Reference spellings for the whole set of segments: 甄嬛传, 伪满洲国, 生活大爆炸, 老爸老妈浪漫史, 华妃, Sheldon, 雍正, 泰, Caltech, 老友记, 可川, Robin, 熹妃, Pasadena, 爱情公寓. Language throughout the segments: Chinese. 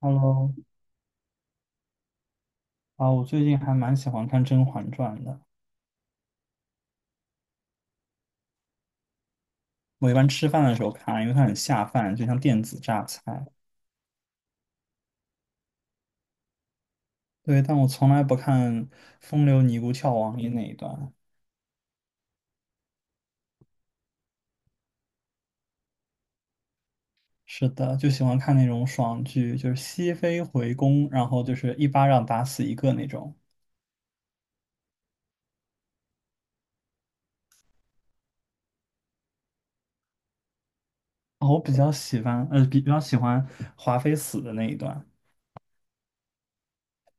Hello，我最近还蛮喜欢看《甄嬛传》的。我一般吃饭的时候看，因为它很下饭，就像电子榨菜。对，但我从来不看风流尼姑跳王爷那一段。是的，就喜欢看那种爽剧，就是熹妃回宫，然后就是一巴掌打死一个那种。我比较喜欢，比较喜欢华妃死的那一段，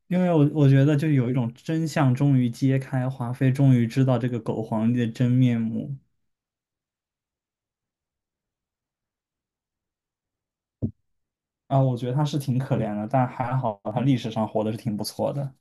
因为我觉得就有一种真相终于揭开，华妃终于知道这个狗皇帝的真面目。啊，我觉得他是挺可怜的，但还好他历史上活的是挺不错的。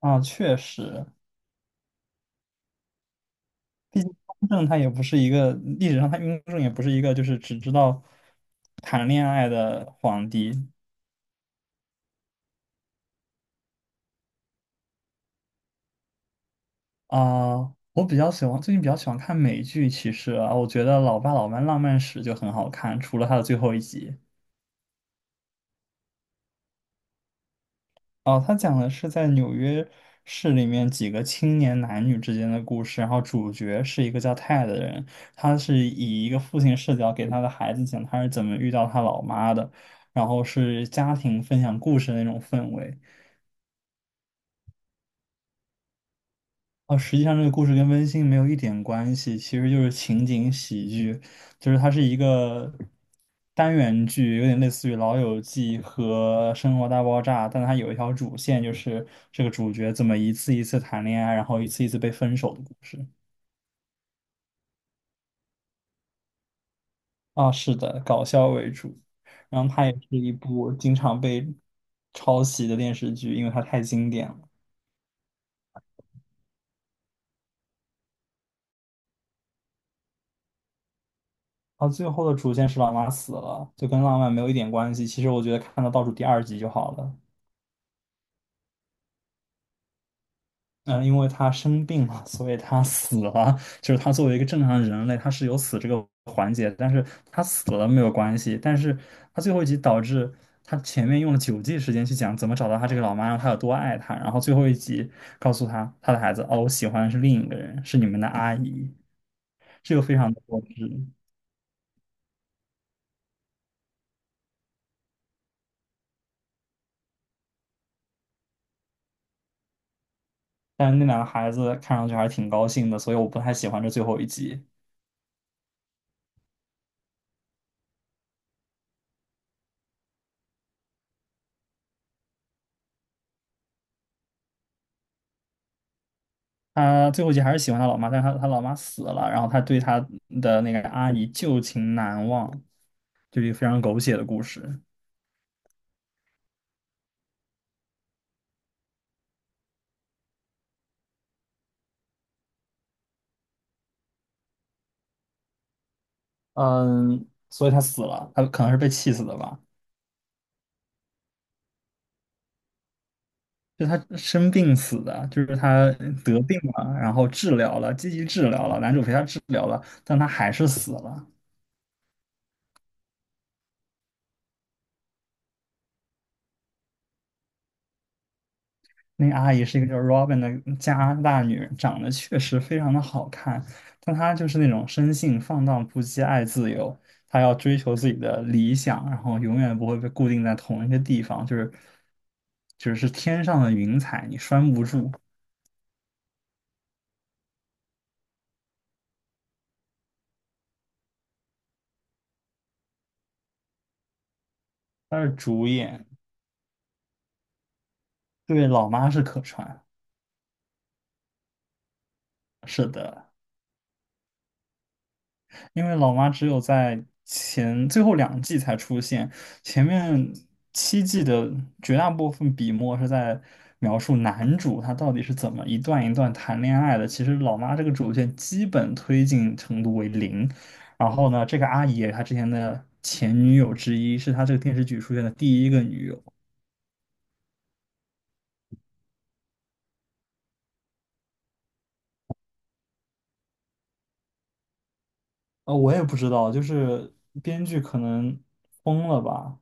啊，确实，毕竟雍正他也不是一个历史上他雍正也不是一个就是只知道谈恋爱的皇帝。啊，我比较喜欢看美剧，其实啊，我觉得《老爸老妈浪漫史》就很好看，除了它的最后一集。哦，他讲的是在纽约市里面几个青年男女之间的故事，然后主角是一个叫泰的人，他是以一个父亲视角给他的孩子讲他是怎么遇到他老妈的，然后是家庭分享故事的那种氛围。哦，实际上这个故事跟温馨没有一点关系，其实就是情景喜剧，就是它是一个单元剧，有点类似于《老友记》和《生活大爆炸》，但它有一条主线，就是这个主角怎么一次一次谈恋爱，然后一次一次被分手的故事。啊，是的，搞笑为主，然后它也是一部经常被抄袭的电视剧，因为它太经典了。啊，最后的主线是老妈死了，就跟浪漫没有一点关系。其实我觉得看到倒数第二集就好了。因为他生病了，所以他死了。就是他作为一个正常人类，他是有死这个环节，但是他死了没有关系。但是他最后一集导致他前面用了9季时间去讲怎么找到他这个老妈，让他有多爱她，然后最后一集告诉他他的孩子，哦，我喜欢的是另一个人，是你们的阿姨，这个非常的过分。但是那两个孩子看上去还是挺高兴的，所以我不太喜欢这最后一集。他最后一集还是喜欢他老妈，但是他老妈死了，然后他对他的那个阿姨旧情难忘，就是一个非常狗血的故事。嗯，所以他死了，他可能是被气死的吧？就他生病死的，就是他得病了，然后治疗了，积极治疗了，男主陪他治疗了，但他还是死了。那个阿姨是一个叫 Robin 的加拿大女人，长得确实非常的好看，但她就是那种生性放荡不羁、爱自由，她要追求自己的理想，然后永远不会被固定在同一个地方，就是天上的云彩，你拴不住。她是主演，对，老妈是可川，是的。因为老妈只有在前最后2季才出现，前面7季的绝大部分笔墨是在描述男主他到底是怎么一段一段谈恋爱的。其实老妈这个主线基本推进程度为零。然后呢，这个阿姨她之前的前女友之一，是她这个电视剧出现的第一个女友。呃，我也不知道，就是编剧可能疯了吧。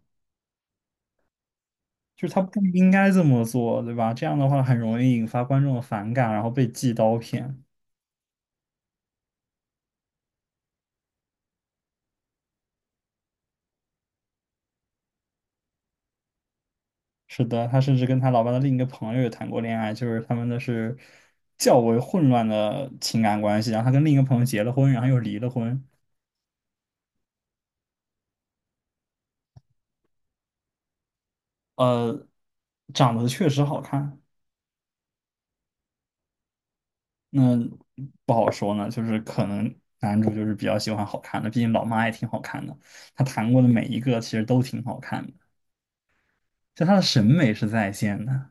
就是他不应该这么做，对吧？这样的话很容易引发观众的反感，然后被寄刀片。是的，他甚至跟他老爸的另一个朋友也谈过恋爱，就是他们的是较为混乱的情感关系。然后他跟另一个朋友结了婚，然后又离了婚。呃，长得确实好看，那不好说呢，就是可能男主就是比较喜欢好看的，毕竟老妈也挺好看的，他谈过的每一个其实都挺好看的，就他的审美是在线的。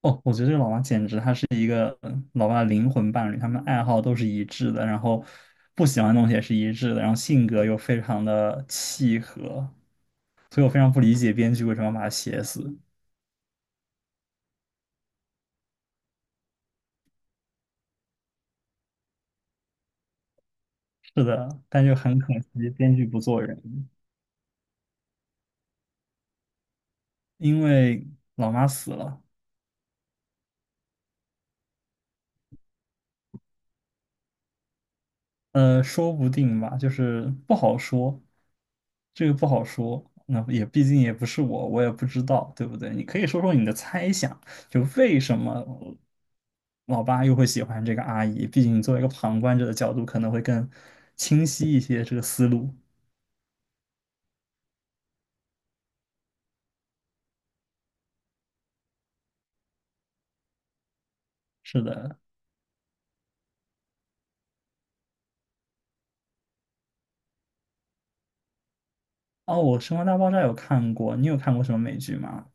哦，我觉得这个老妈简直她是一个老爸的灵魂伴侣，他们爱好都是一致的，然后不喜欢的东西也是一致的，然后性格又非常的契合，所以我非常不理解编剧为什么要把它写死。是的，但就很可惜，编剧不做人，因为老妈死了，呃，说不定吧，就是不好说，这个不好说。那也毕竟也不是我，我也不知道，对不对？你可以说说你的猜想，就为什么老爸又会喜欢这个阿姨？毕竟你作为一个旁观者的角度，可能会更清晰一些这个思路。是的，哦，我《生活大爆炸》有看过，你有看过什么美剧吗？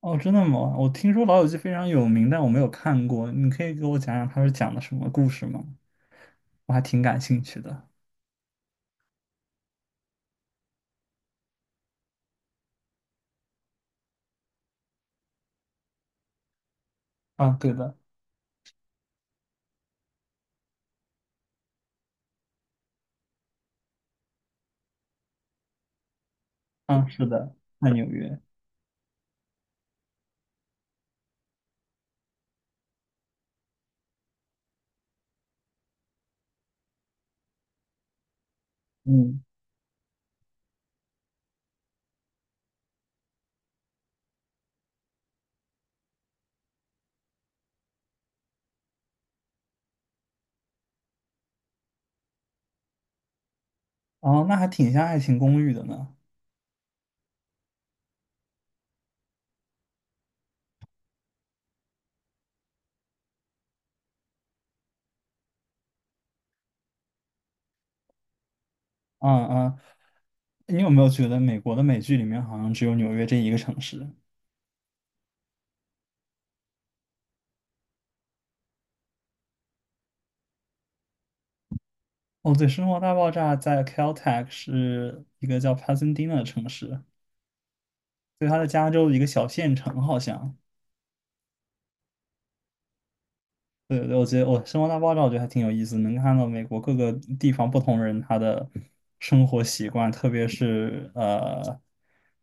哦，真的吗？我听说《老友记》非常有名，但我没有看过。你可以给我讲讲它是讲的什么故事吗？我还挺感兴趣的。啊，对的。嗯，是的，在纽约。嗯，哦，那还挺像《爱情公寓》的呢。嗯嗯，你有没有觉得美国的美剧里面好像只有纽约这一个城市？哦，对，《生活大爆炸》在 Caltech 是一个叫 Pasadena 的城市，所以它在加州的一个小县城好像。对对，我觉得我《生活大爆炸》我觉得还挺有意思，能看到美国各个地方不同人他的生活习惯，特别是呃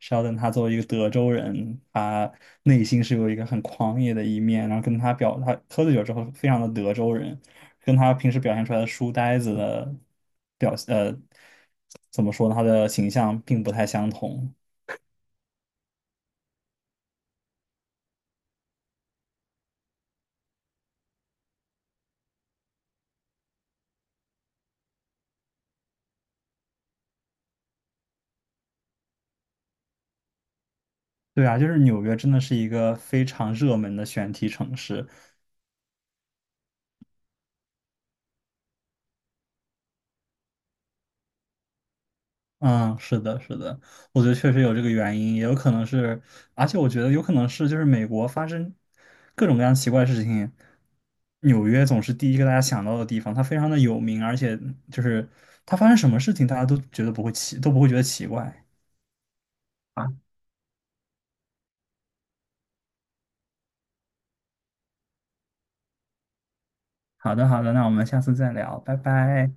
，Sheldon 他作为一个德州人，他内心是有一个很狂野的一面，然后跟他喝醉酒之后非常的德州人，跟他平时表现出来的书呆子的表呃怎么说呢，他的形象并不太相同。对啊，就是纽约真的是一个非常热门的选题城市。嗯，是的，是的，我觉得确实有这个原因，也有可能是，而且我觉得有可能是，就是美国发生各种各样奇怪的事情，纽约总是第一个大家想到的地方，它非常的有名，而且就是它发生什么事情，大家都觉得不会奇，都不会觉得奇怪。啊，好的，好的，那我们下次再聊，拜拜。